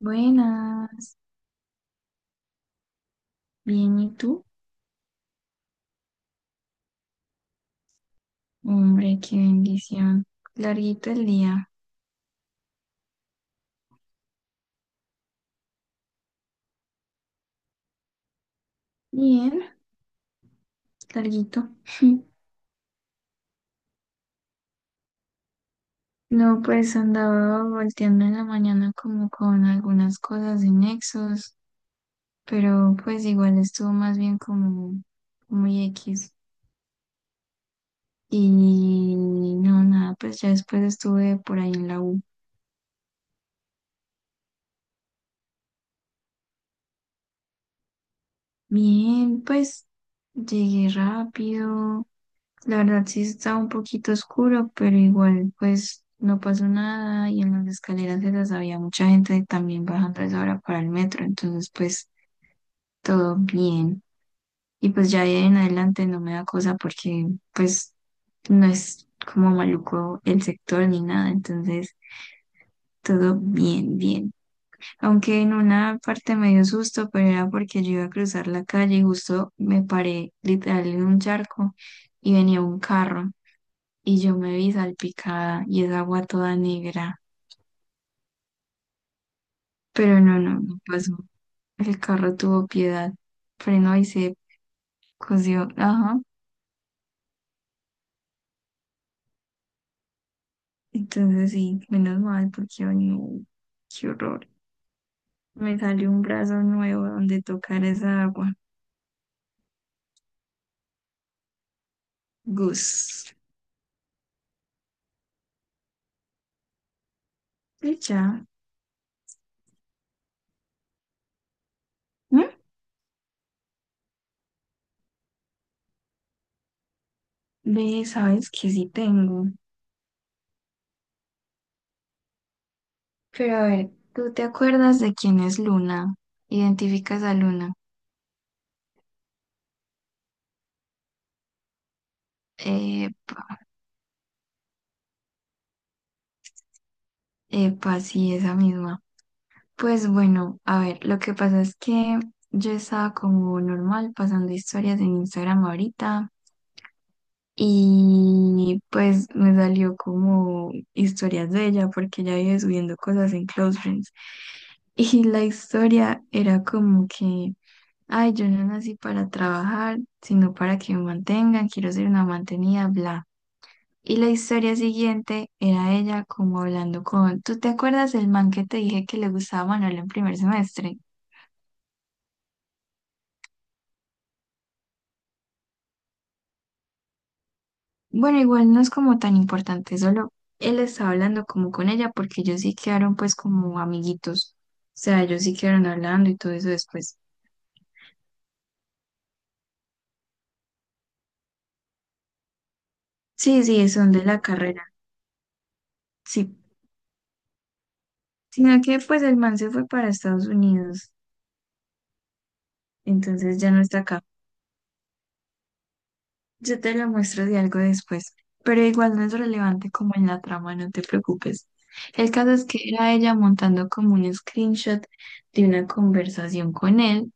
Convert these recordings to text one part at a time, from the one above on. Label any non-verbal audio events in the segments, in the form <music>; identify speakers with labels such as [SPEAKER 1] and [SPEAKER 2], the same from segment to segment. [SPEAKER 1] Buenas, bien, ¿y tú? Hombre, qué bendición. Larguito el día. Bien, larguito. <laughs> No, pues andaba volteando en la mañana como con algunas cosas de Nexos, pero pues igual estuvo más bien como muy X. Y no, nada, pues ya después estuve por ahí en la U. Bien, pues llegué rápido. La verdad sí está un poquito oscuro, pero igual pues no pasó nada y en las escaleras esas había mucha gente también bajando a esa hora para el metro, entonces pues todo bien. Y pues ya de ahí en adelante no me da cosa porque pues no es como maluco el sector ni nada, entonces todo bien, bien. Aunque en una parte me dio susto, pero era porque yo iba a cruzar la calle y justo me paré literal en un charco y venía un carro. Y yo me vi salpicada y esa agua toda negra. Pero no, no, no pasó. El carro tuvo piedad, frenó y se cosió. Ajá. Entonces sí, menos mal porque ay, no, qué horror. Me salió un brazo nuevo donde tocar esa agua. Gus. Y ya. ¿Mm? Ve, sabes que sí tengo. Pero a ver, ¿tú te acuerdas de quién es Luna? ¿Identificas a Luna? Epa, epa, sí, esa misma. Pues bueno, a ver, lo que pasa es que yo estaba como normal pasando historias en Instagram ahorita y pues me salió como historias de ella porque ella vive subiendo cosas en Close Friends. Y la historia era como que, ay, yo no nací para trabajar, sino para que me mantengan, quiero ser una mantenida, bla. Y la historia siguiente era ella como hablando con, ¿tú te acuerdas del man que te dije que le gustaba Manuel en primer semestre? Bueno, igual no es como tan importante, solo él estaba hablando como con ella porque ellos sí quedaron pues como amiguitos. O sea, ellos sí quedaron hablando y todo eso después. Sí, sí, son de la carrera, sí. Sino que pues el man se fue para Estados Unidos, entonces ya no está acá. Yo te lo muestro de algo después, pero igual no es relevante como en la trama, no te preocupes. El caso es que era ella montando como un screenshot de una conversación con él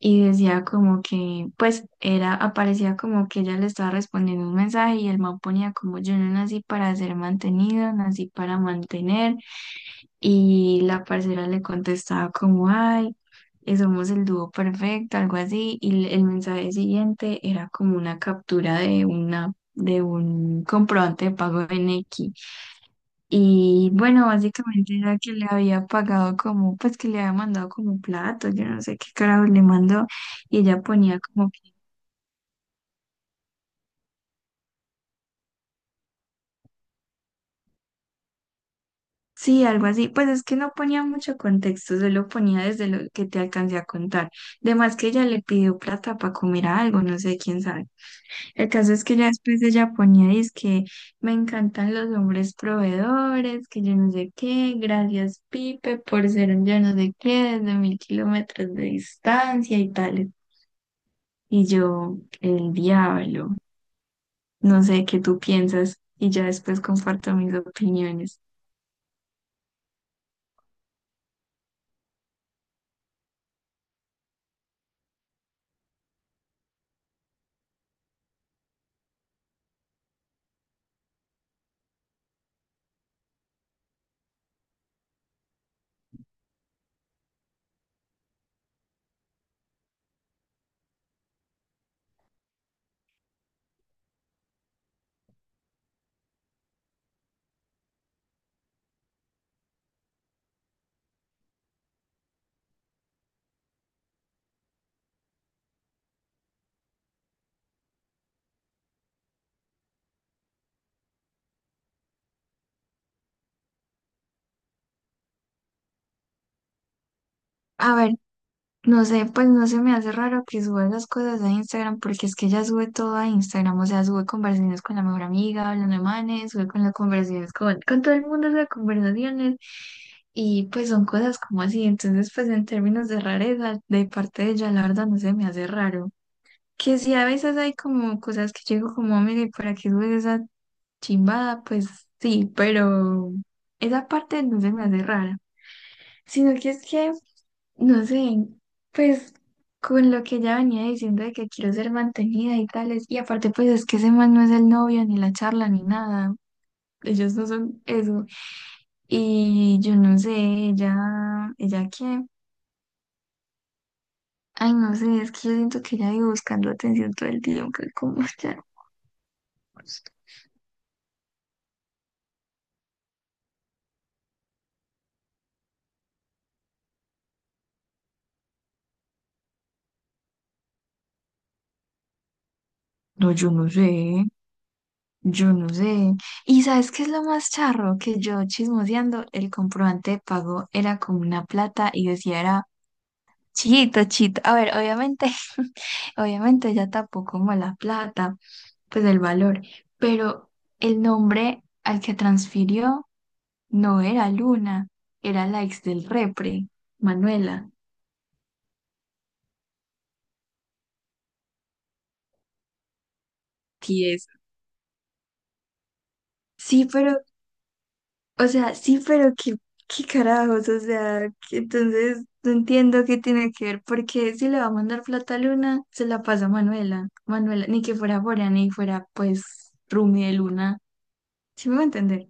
[SPEAKER 1] y decía como que, pues era, aparecía como que ella le estaba respondiendo un mensaje y el man ponía como yo no nací para ser mantenido, nací para mantener y la parcera le contestaba como ay, somos el dúo perfecto, algo así y el mensaje siguiente era como una captura de una de un comprobante de pago en X. Y bueno, básicamente era que le había pagado como, pues que le había mandado como un plato, yo no sé qué carajo le mandó, y ella ponía como, sí, algo así, pues es que no ponía mucho contexto, solo ponía desde lo que te alcancé a contar. Además que ella le pidió plata para comer algo, no sé quién sabe. El caso es que ya después ella ponía, dice que me encantan los hombres proveedores, que yo no sé qué, gracias Pipe por ser un yo no sé qué, desde 1.000 kilómetros de distancia y tal. Y yo, el diablo, no sé qué tú piensas y ya después comparto mis opiniones. A ver, no sé, pues no se me hace raro que suba esas cosas a Instagram porque es que ella sube todo a Instagram, o sea, sube conversaciones con la mejor amiga, hablando de manes, sube con las conversaciones con todo el mundo, sube conversaciones y pues son cosas como así, entonces pues en términos de rareza de parte de ella, la verdad no se me hace raro. Que sí, a veces hay como cosas que yo digo como, mire, ¿para qué subes esa Chimba? Pues sí, pero esa parte no se me hace rara, sino que es que, no sé, pues con lo que ella venía diciendo de que quiero ser mantenida y tales, y aparte pues es que ese man no es el novio, ni la charla, ni nada, ellos no son eso, y yo no sé, ella qué, ay no sé, es que yo siento que ella vive buscando atención todo el día, aunque como <laughs> ya, no, yo no sé. Yo no sé. ¿Y sabes qué es lo más charro? Que yo chismoseando, el comprobante de pago era con una plata y decía era chito, chito. A ver, obviamente, <laughs> obviamente ya tapó como la plata, pues el valor, pero el nombre al que transfirió no era Luna, era la ex del repre, Manuela. Tieso. Sí, pero o sea, sí, pero qué, qué carajos, o sea, que entonces no entiendo qué tiene que ver, porque si le va a mandar plata a Luna, se la pasa a Manuela. Manuela, ni que fuera Bora, ni fuera pues Rumi de Luna. ¿Sí me va a entender?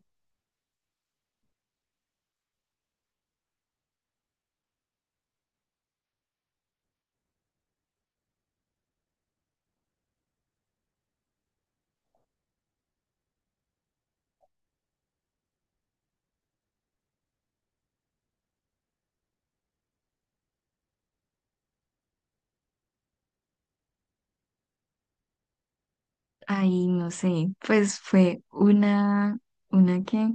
[SPEAKER 1] Ay, no sé, pues fue ¿una qué?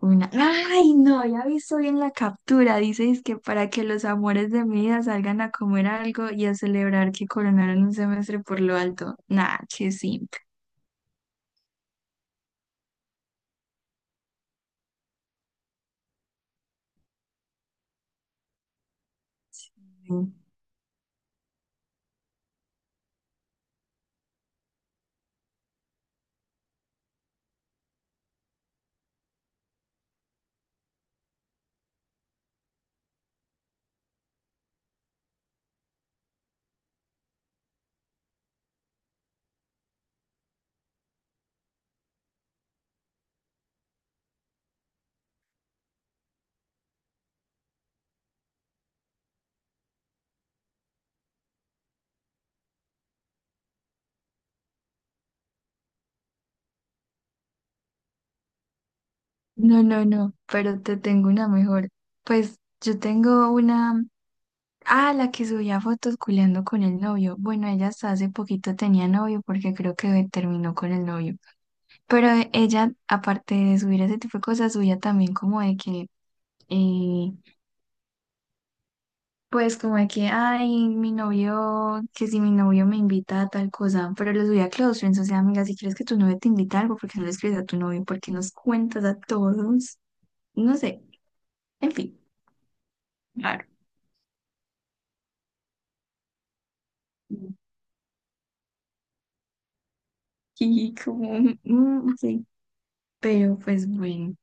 [SPEAKER 1] Una, ay, no, ya visto bien la captura, dices que para que los amores de mi vida salgan a comer algo y a celebrar que coronaron un semestre por lo alto. Nah, qué simple. No, no, no, pero te tengo una mejor. Pues yo tengo una, ah, la que subía fotos culeando con el novio. Bueno, ella hasta hace poquito tenía novio porque creo que terminó con el novio. Pero ella, aparte de subir ese tipo de cosas, subía también como de que, eh, pues como de que, ay, mi novio, que si mi novio me invita a tal cosa, pero lo subía a close friends, o sea, amiga, si crees que tu novio te invita a algo, ¿por qué no le escribes a tu novio? ¿Por qué nos cuentas a todos? No sé, en fin. Claro. Y como, mm, ok. Pero pues bueno,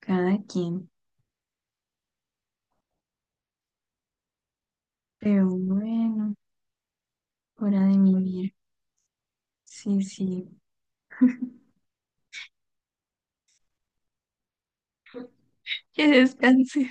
[SPEAKER 1] cada quien. Pero bueno, hora de mimir. Sí, sí. Que descanse.